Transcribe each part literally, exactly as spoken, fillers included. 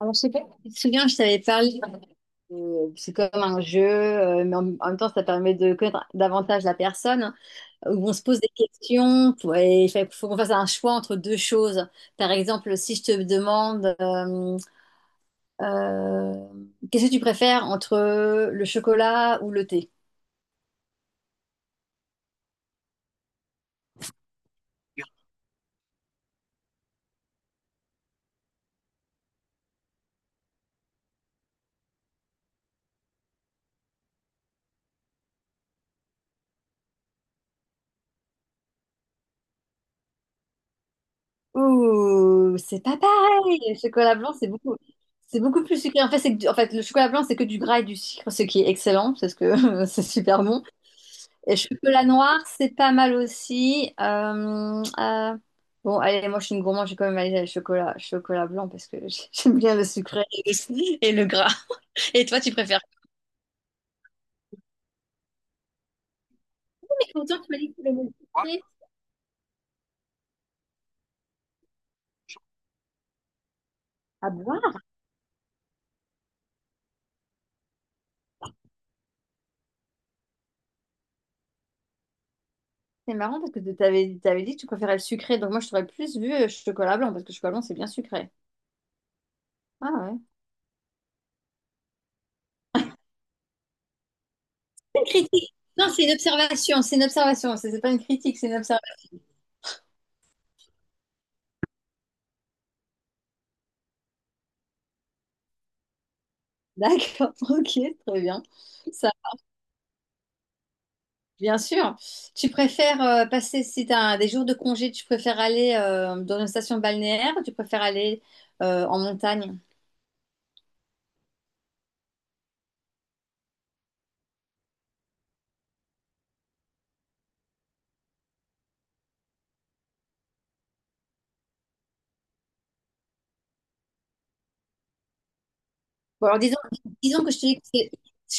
Alors, je sais pas, si tu te souviens, je t'avais parlé, euh, c'est comme un jeu, euh, mais en, en même temps, ça permet de connaître davantage la personne, hein, où on se pose des questions, pour- et il fait- faut qu'on fasse un choix entre deux choses. Par exemple, si je te demande, euh, euh, qu'est-ce que tu préfères entre le chocolat ou le thé? Ouh, c'est pas pareil! Le chocolat blanc, c'est beaucoup, C'est beaucoup plus sucré. En fait, c'est que du- en fait, le chocolat blanc, c'est que du gras et du sucre, ce qui est excellent, parce que c'est super bon. Et chocolat noir, c'est pas mal aussi. Euh, euh, bon, allez, moi je suis une gourmande, je vais quand même aller à chocolat, chocolat blanc parce que j- j'aime bien le sucré et le, et le gras. Et toi, tu préfères? Et pourtant, tu m'as dit que tu aimais le sucré. Ah bon? C'est marrant parce que tu t'avais, t'avais dit que tu préférais le sucré, donc moi je t'aurais plus vu euh, chocolat blanc parce que chocolat blanc c'est bien sucré. Ah ouais. C'est une critique. Non, c'est une observation, c'est une observation, c'est c'est pas une critique, c'est une observation. D'accord, ok, très bien. Ça Bien sûr. Tu préfères euh, passer, si tu as des jours de congé, tu préfères aller euh, dans une station balnéaire ou tu préfères aller euh, en montagne? Bon, alors disons, disons que je te dis que c'est,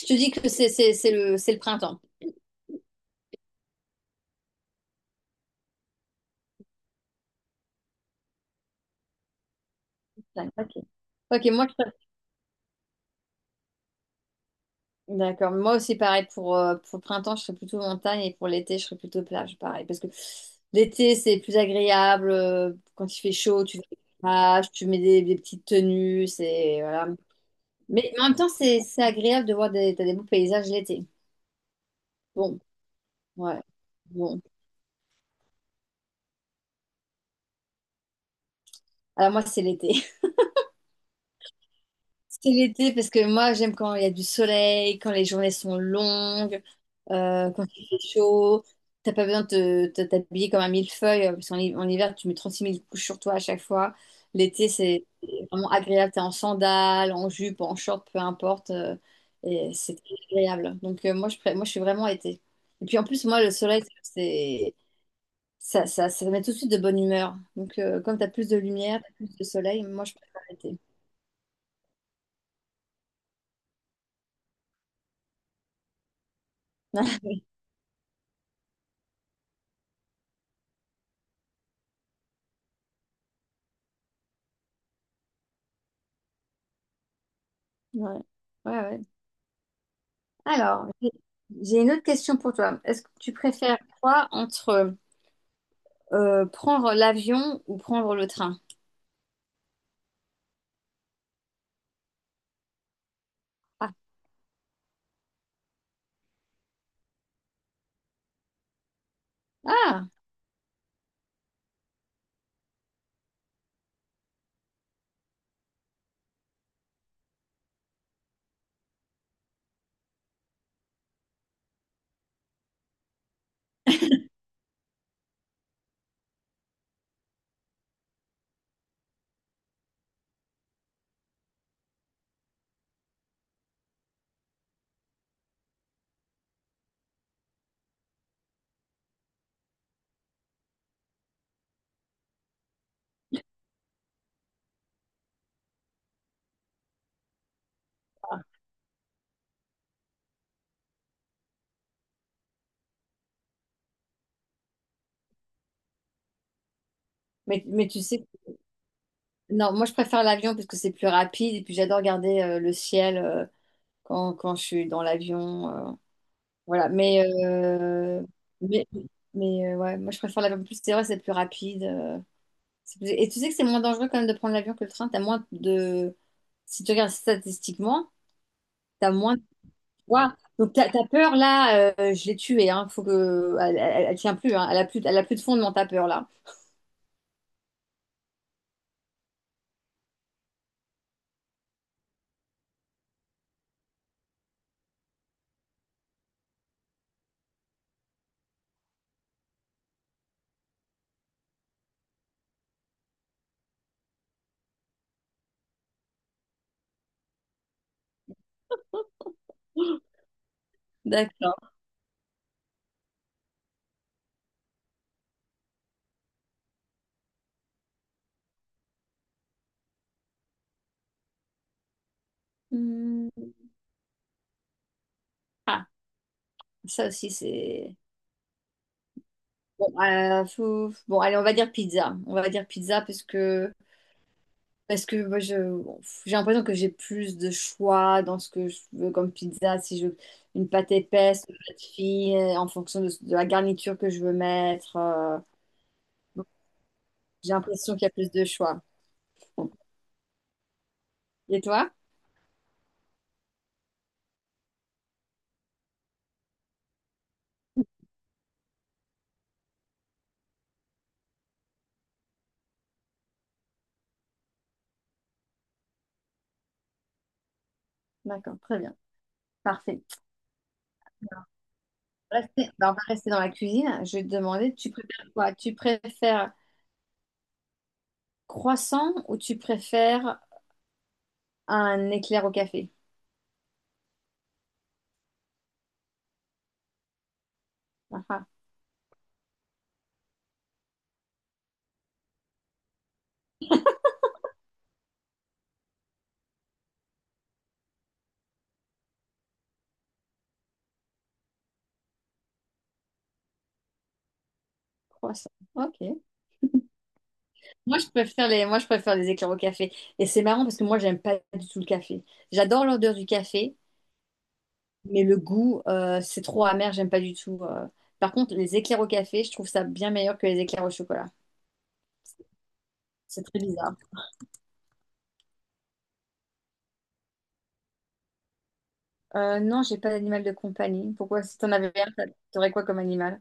je te dis que c'est c'est- c'est le, c'est le printemps. Ok. Ok, moi, D'accord. Moi aussi, pareil, pour, euh, pour le printemps, je serais plutôt montagne et pour l'été, je serais plutôt plage, pareil. Parce que l'été, c'est plus agréable. euh, Quand il fait chaud, tu vas à la plage, tu mets des, des petites tenues, c'est, voilà. Mais en même temps, c'est c'est agréable de voir des, t'as des beaux paysages l'été. Bon, ouais. Bon. Alors moi, c'est l'été. C'est l'été parce que moi j'aime quand il y a du soleil, quand les journées sont longues, euh, quand il fait chaud. T'as pas besoin de te- de t'habiller comme un millefeuille euh, parce qu'en hi- en hiver tu mets trente-six mille couches sur toi à chaque fois. L'été c'est vraiment agréable. T'es en sandales, en jupe, en short, peu importe. Euh, et c'est très agréable. Donc euh, moi, je, pré- moi je suis vraiment été. Et puis en plus moi le soleil c'est ça, ça, ça met tout de suite de bonne humeur. Donc euh, comme t'as plus de lumière, t'as plus de soleil, moi je préfère l'été. Ouais. Ouais, ouais. Alors, j'ai j'ai une autre question pour toi. Est-ce que tu préfères quoi entre euh, prendre l'avion ou prendre le train? Ah, ah. Mais, mais tu sais, non, moi je préfère l'avion parce que c'est plus rapide et puis j'adore regarder euh, le ciel euh, quand, quand je suis dans l'avion. euh, voilà, mais, euh, mais, mais euh, ouais, moi je préfère l'avion. En plus, c'est vrai, c'est plus rapide. euh, c'est plus- Et tu sais que c'est moins dangereux quand même de prendre l'avion que le train. T'as moins de... Si tu regardes statistiquement, t'as moins… Waouh. Donc ta, ta peur là, euh, je l'ai tuée. Hein. Faut que elle, elle- elle tient plus. Hein. Elle a plus, elle a plus de fondement ta peur là. D'accord. Hmm. Ah, ça aussi c'est bon. euh, faut- Bon, allez, on va dire pizza. On va dire pizza parce que Parce que moi, je, bon, j'ai l'impression que j'ai plus de choix dans ce que je veux comme pizza. Si je veux une pâte épaisse, une pâte fine, euh, en fonction de, de la garniture que je veux mettre, euh, j'ai l'impression qu'il y a plus de choix. Bon. Et toi? D'accord, très bien. Parfait. Restez- bah, on va rester dans la cuisine. Je vais te demander, tu préfères quoi? Tu préfères croissant ou tu préfères un éclair au café? Ah, ah, croissant. Ok. Moi, je préfère les, moi, je préfère les éclairs au café. Et c'est marrant parce que moi, j'aime pas du tout le café. J'adore l'odeur du café, mais le goût, euh, c'est trop amer, j'aime pas du tout. euh. Par contre, les éclairs au café, je trouve ça bien meilleur que les éclairs au chocolat. C'est très bizarre. Euh, non, j'ai pas d'animal de compagnie. Pourquoi, si t'en avais un, t'a- t'aurais quoi comme animal?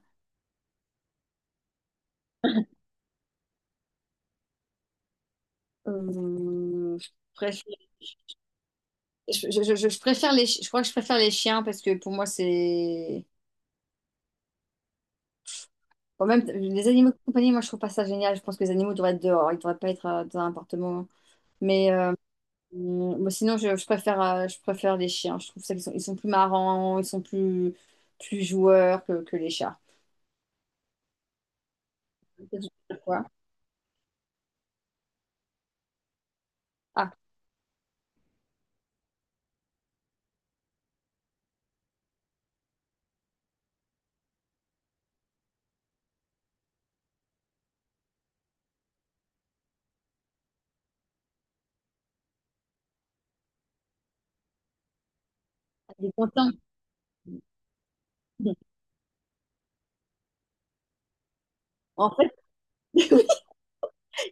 Euh, je préfère, je, je- je- je préfère les, chi- je crois que je préfère les chiens parce que pour moi, c'est. Bon, même t- les animaux de compagnie, moi, je trouve pas ça génial. Je pense que les animaux devraient être dehors, ils devraient pas être euh, dans un appartement. Mais euh, Mm, bon, sinon, je, je préfère, euh, je préfère les chiens. Je trouve ça qu'ils sont, ils sont plus marrants, ils sont plus, plus joueurs que, que les chats. Peut-être que je- Quoi? Ah, il est content. En fait,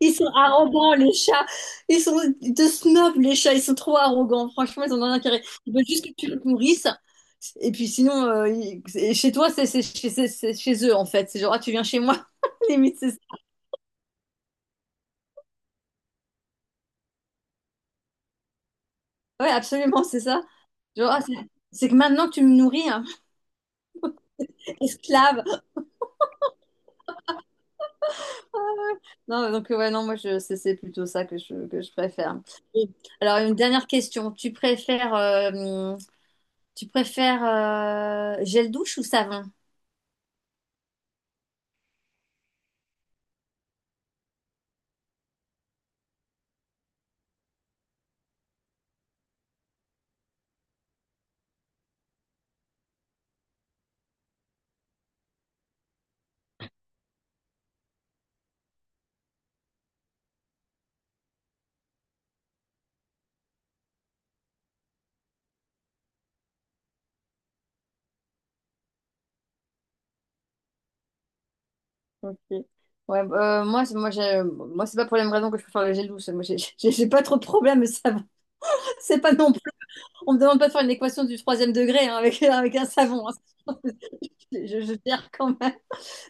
ils sont arrogants, les chats. Ils sont de snobs, les chats. Ils sont trop arrogants. Franchement, ils ont un intérêt. Ils veulent juste que tu les nourrisses. Et puis sinon, euh, ils- et chez toi, c'est c'est- c'est- c'est- c'est chez eux, en fait. C'est genre, ah, tu viens chez moi. Limite, c'est ça. Ouais, absolument, c'est ça. Genre, ah, c'est c'est que maintenant que tu me nourris, hein, esclave. Non, donc ouais, non, moi je c'est c'est plutôt ça que je, que je préfère. Et… Alors une dernière question, tu préfères euh, tu préfères euh, gel douche ou savon? Ok. Ouais, euh, moi c'est- moi j'ai moi c'est pas pour les mêmes raisons que je préfère le gel douche. Moi j'ai j'ai- j'ai pas trop de problème le savon. C'est pas non plus. On me demande pas de faire une équation du troisième degré hein, avec avec un savon. Hein. Je, je gère quand même.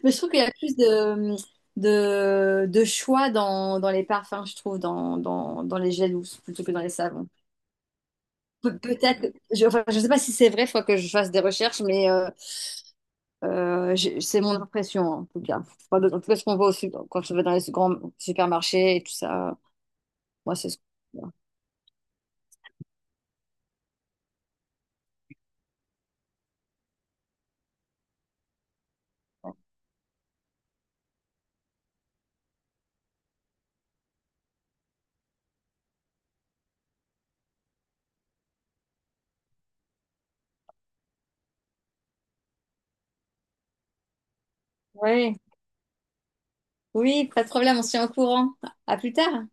Mais je trouve qu'il y a plus de, de, de choix dans, dans les parfums, je trouve, dans, dans, dans les gels douces plutôt que dans les savons. Pe- peut-être, je, enfin, je sais pas si c'est vrai, il faut que je fasse des recherches, mais euh, euh, j'ai- c'est mon impression, en tout cas. Enfin, de- en tout cas, ce qu'on voit aussi quand on va dans les grands supermarchés et tout ça, moi, c'est ce que je vois. Ouais. Oui, pas de problème, on se tient au courant. À plus tard.